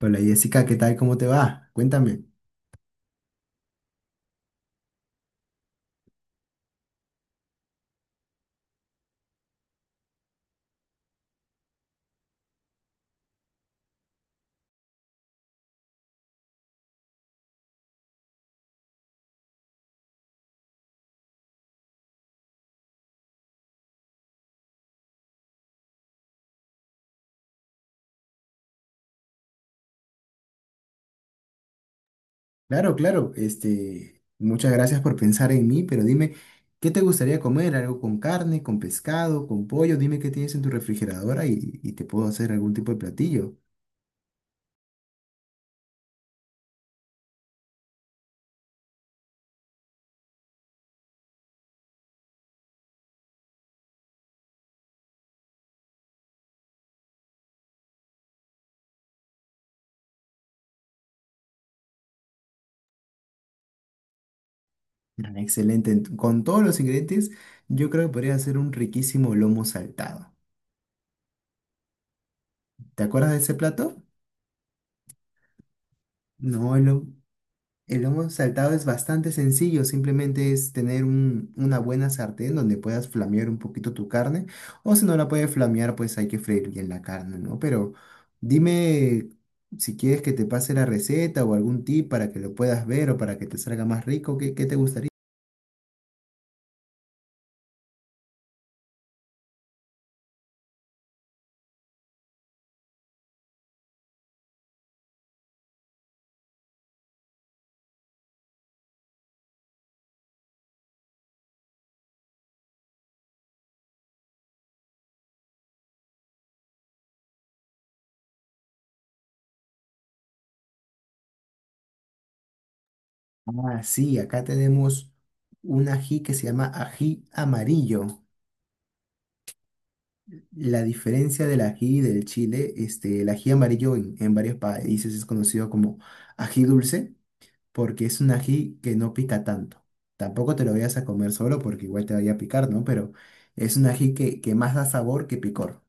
Hola Jessica, ¿qué tal? ¿Cómo te va? Cuéntame. Claro, claro. Muchas gracias por pensar en mí, pero dime, ¿qué te gustaría comer? ¿Algo con carne, con pescado, con pollo? Dime qué tienes en tu refrigeradora y te puedo hacer algún tipo de platillo. Ah, excelente. Con todos los ingredientes, yo creo que podría hacer un riquísimo lomo saltado. ¿Te acuerdas de ese plato? No, el lomo. El lomo saltado es bastante sencillo, simplemente es tener una buena sartén donde puedas flamear un poquito tu carne, o si no la puedes flamear, pues hay que freír bien la carne, ¿no? Pero dime si quieres que te pase la receta o algún tip para que lo puedas ver o para que te salga más rico, ¿qué te gustaría? Ah, sí, acá tenemos un ají que se llama ají amarillo. La diferencia del ají y del chile, el ají amarillo en varios países es conocido como ají dulce, porque es un ají que no pica tanto. Tampoco te lo vayas a comer solo porque igual te vaya a picar, ¿no? Pero es un ají que más da sabor que picor.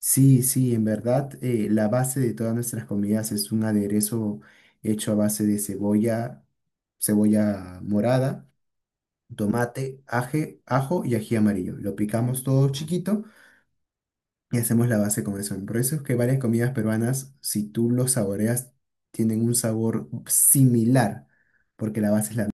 Sí, sí, en verdad, la base de todas nuestras comidas es un aderezo hecho a base de cebolla, cebolla morada, tomate, ajo y ají amarillo. Lo picamos todo chiquito y hacemos la base con eso. Por eso es que varias comidas peruanas, si tú lo saboreas, tienen un sabor similar, porque la base es la.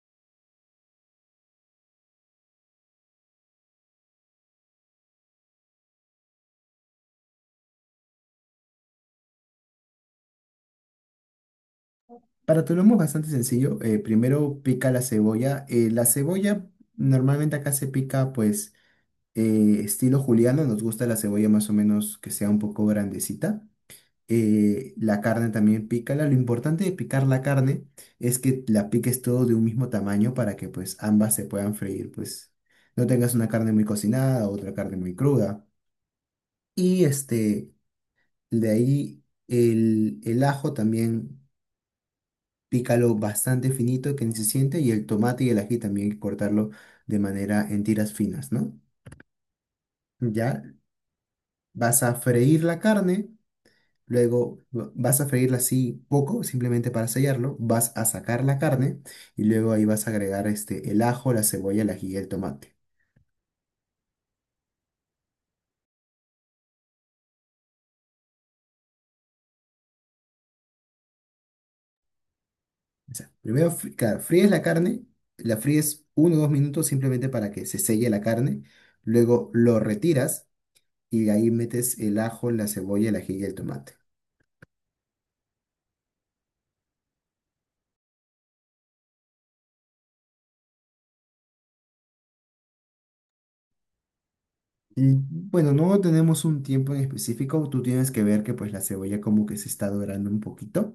Para tu lomo es bastante sencillo. Primero pica la cebolla. La cebolla normalmente acá se pica pues estilo juliano. Nos gusta la cebolla más o menos que sea un poco grandecita. La carne también pícala. Lo importante de picar la carne es que la piques todo de un mismo tamaño para que pues ambas se puedan freír. Pues no tengas una carne muy cocinada, otra carne muy cruda. Y este, de ahí el ajo también. Pícalo bastante finito que ni se siente, y el tomate y el ají también hay que cortarlo de manera en tiras finas, ¿no? Ya vas a freír la carne, luego vas a freírla así poco, simplemente para sellarlo, vas a sacar la carne y luego ahí vas a agregar el ajo, la cebolla, el ají y el tomate. O sea, primero claro, fríes la carne, la fríes 1 o 2 minutos simplemente para que se selle la carne, luego lo retiras y ahí metes el ajo, la cebolla, el ají y el tomate. Y bueno, no tenemos un tiempo en específico, tú tienes que ver que pues la cebolla como que se está dorando un poquito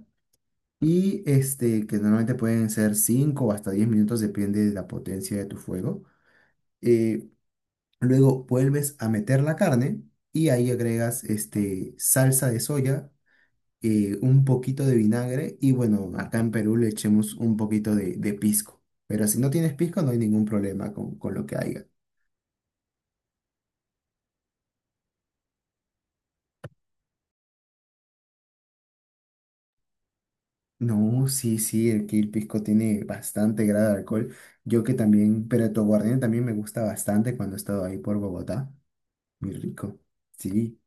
y que normalmente pueden ser 5 o hasta 10 minutos, depende de la potencia de tu fuego. Eh, Luego vuelves a meter la carne y ahí agregas salsa de soya, un poquito de vinagre y bueno, acá en Perú le echemos un poquito de pisco, pero si no tienes pisco no hay ningún problema con lo que haya. No, sí, sí, aquí el pisco tiene bastante grado de alcohol. Yo que también, pero tu aguardiente también me gusta bastante cuando he estado ahí por Bogotá. Muy rico. Sí,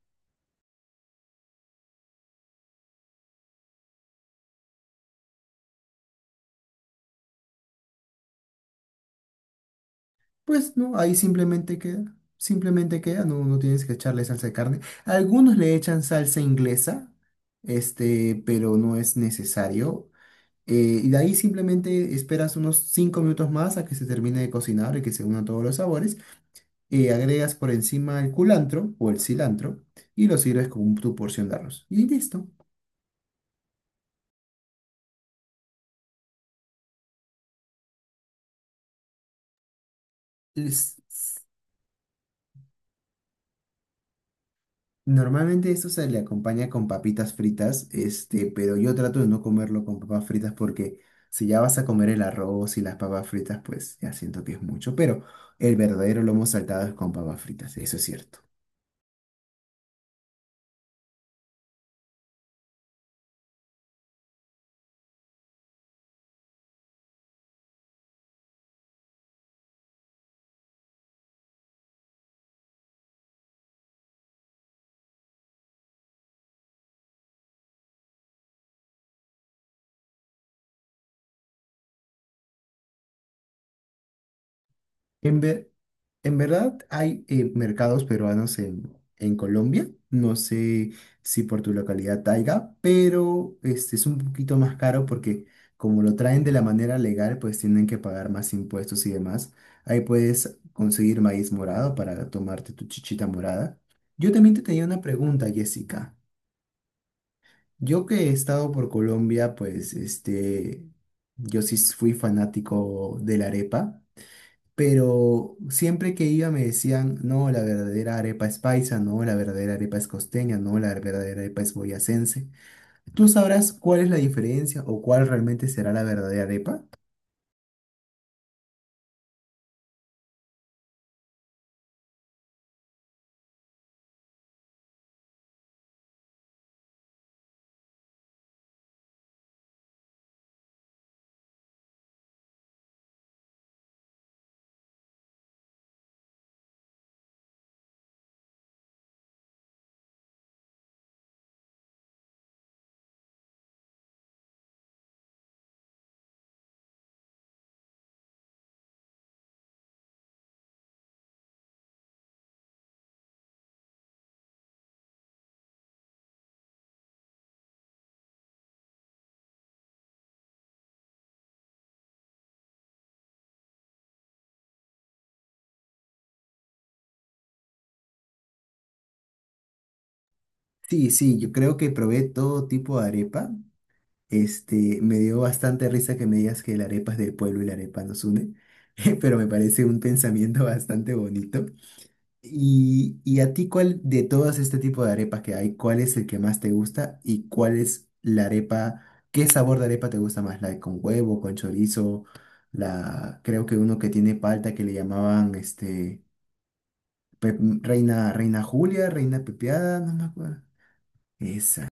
pues no, ahí simplemente queda. Simplemente queda, no tienes que echarle salsa de carne. Algunos le echan salsa inglesa, pero no es necesario. Y de ahí simplemente esperas unos 5 minutos más a que se termine de cocinar y que se unan todos los sabores. Agregas por encima el culantro o el cilantro y lo sirves con tu porción de arroz. Y listo. Es- Normalmente esto se le acompaña con papitas fritas, pero yo trato de no comerlo con papas fritas porque si ya vas a comer el arroz y las papas fritas, pues ya siento que es mucho, pero el verdadero lomo saltado es con papas fritas, eso es cierto. En ver, en verdad hay mercados peruanos en Colombia. No sé si por tu localidad haya, pero este es un poquito más caro porque como lo traen de la manera legal, pues tienen que pagar más impuestos y demás. Ahí puedes conseguir maíz morado para tomarte tu chichita morada. Yo también te tenía una pregunta, Jessica. Yo que he estado por Colombia, pues yo sí fui fanático de la arepa. Pero siempre que iba me decían, no, la verdadera arepa es paisa, no, la verdadera arepa es costeña, no, la verdadera arepa es boyacense. ¿Tú sabrás cuál es la diferencia o cuál realmente será la verdadera arepa? Sí, sí, yo creo que probé todo tipo de arepa. Me dio bastante risa que me digas que la arepa es del pueblo y la arepa nos une, pero me parece un pensamiento bastante bonito. Y a ti, ¿cuál de todos este tipo de arepas que hay, cuál es el que más te gusta y cuál es la arepa, qué sabor de arepa te gusta más? ¿La de con huevo, con chorizo? La, creo que uno que tiene palta que le llamaban pe- Reina, Reina Julia, Reina Pepiada, no me acuerdo. Esa.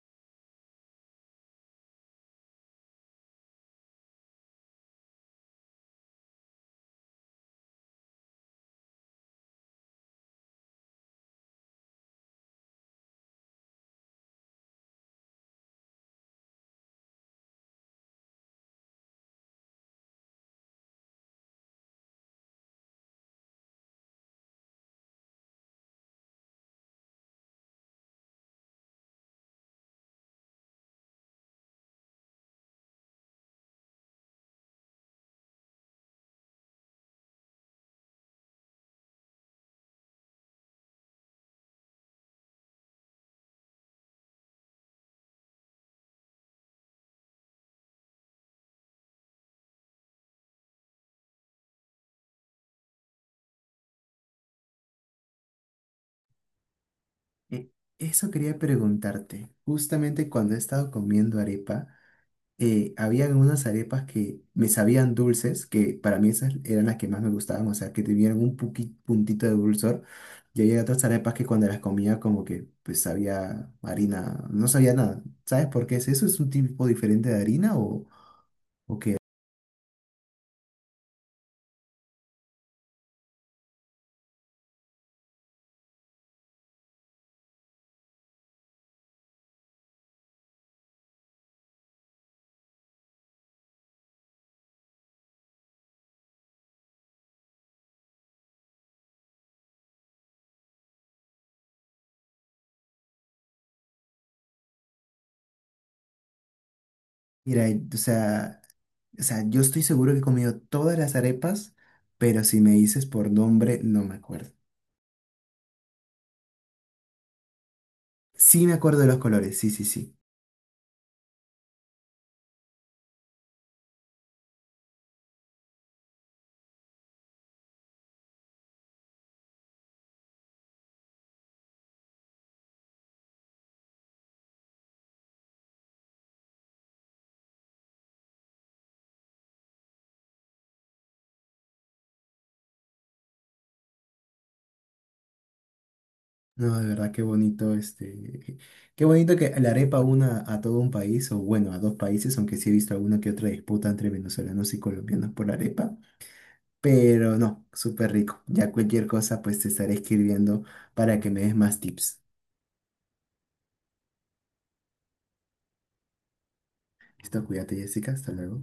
E- Eso quería preguntarte. Justamente cuando he estado comiendo arepa, habían unas arepas que me sabían dulces, que para mí esas eran las que más me gustaban, o sea, que tuvieran un puntito de dulzor. Y había otras arepas que cuando las comía como que pues sabía harina, no sabía nada. ¿Sabes por qué es eso? ¿Es un tipo diferente de harina o qué? Mira, o sea, o sea, yo estoy seguro que he comido todas las arepas, pero si me dices por nombre, no me acuerdo. Sí me acuerdo de los colores, sí, sí, sí. No, de verdad, qué bonito, qué bonito que la arepa una a todo un país, o bueno, a dos países, aunque sí he visto alguna que otra disputa entre venezolanos y colombianos por la arepa, pero no, súper rico. Ya cualquier cosa, pues te estaré escribiendo para que me des más tips. Listo, cuídate, Jessica, hasta luego.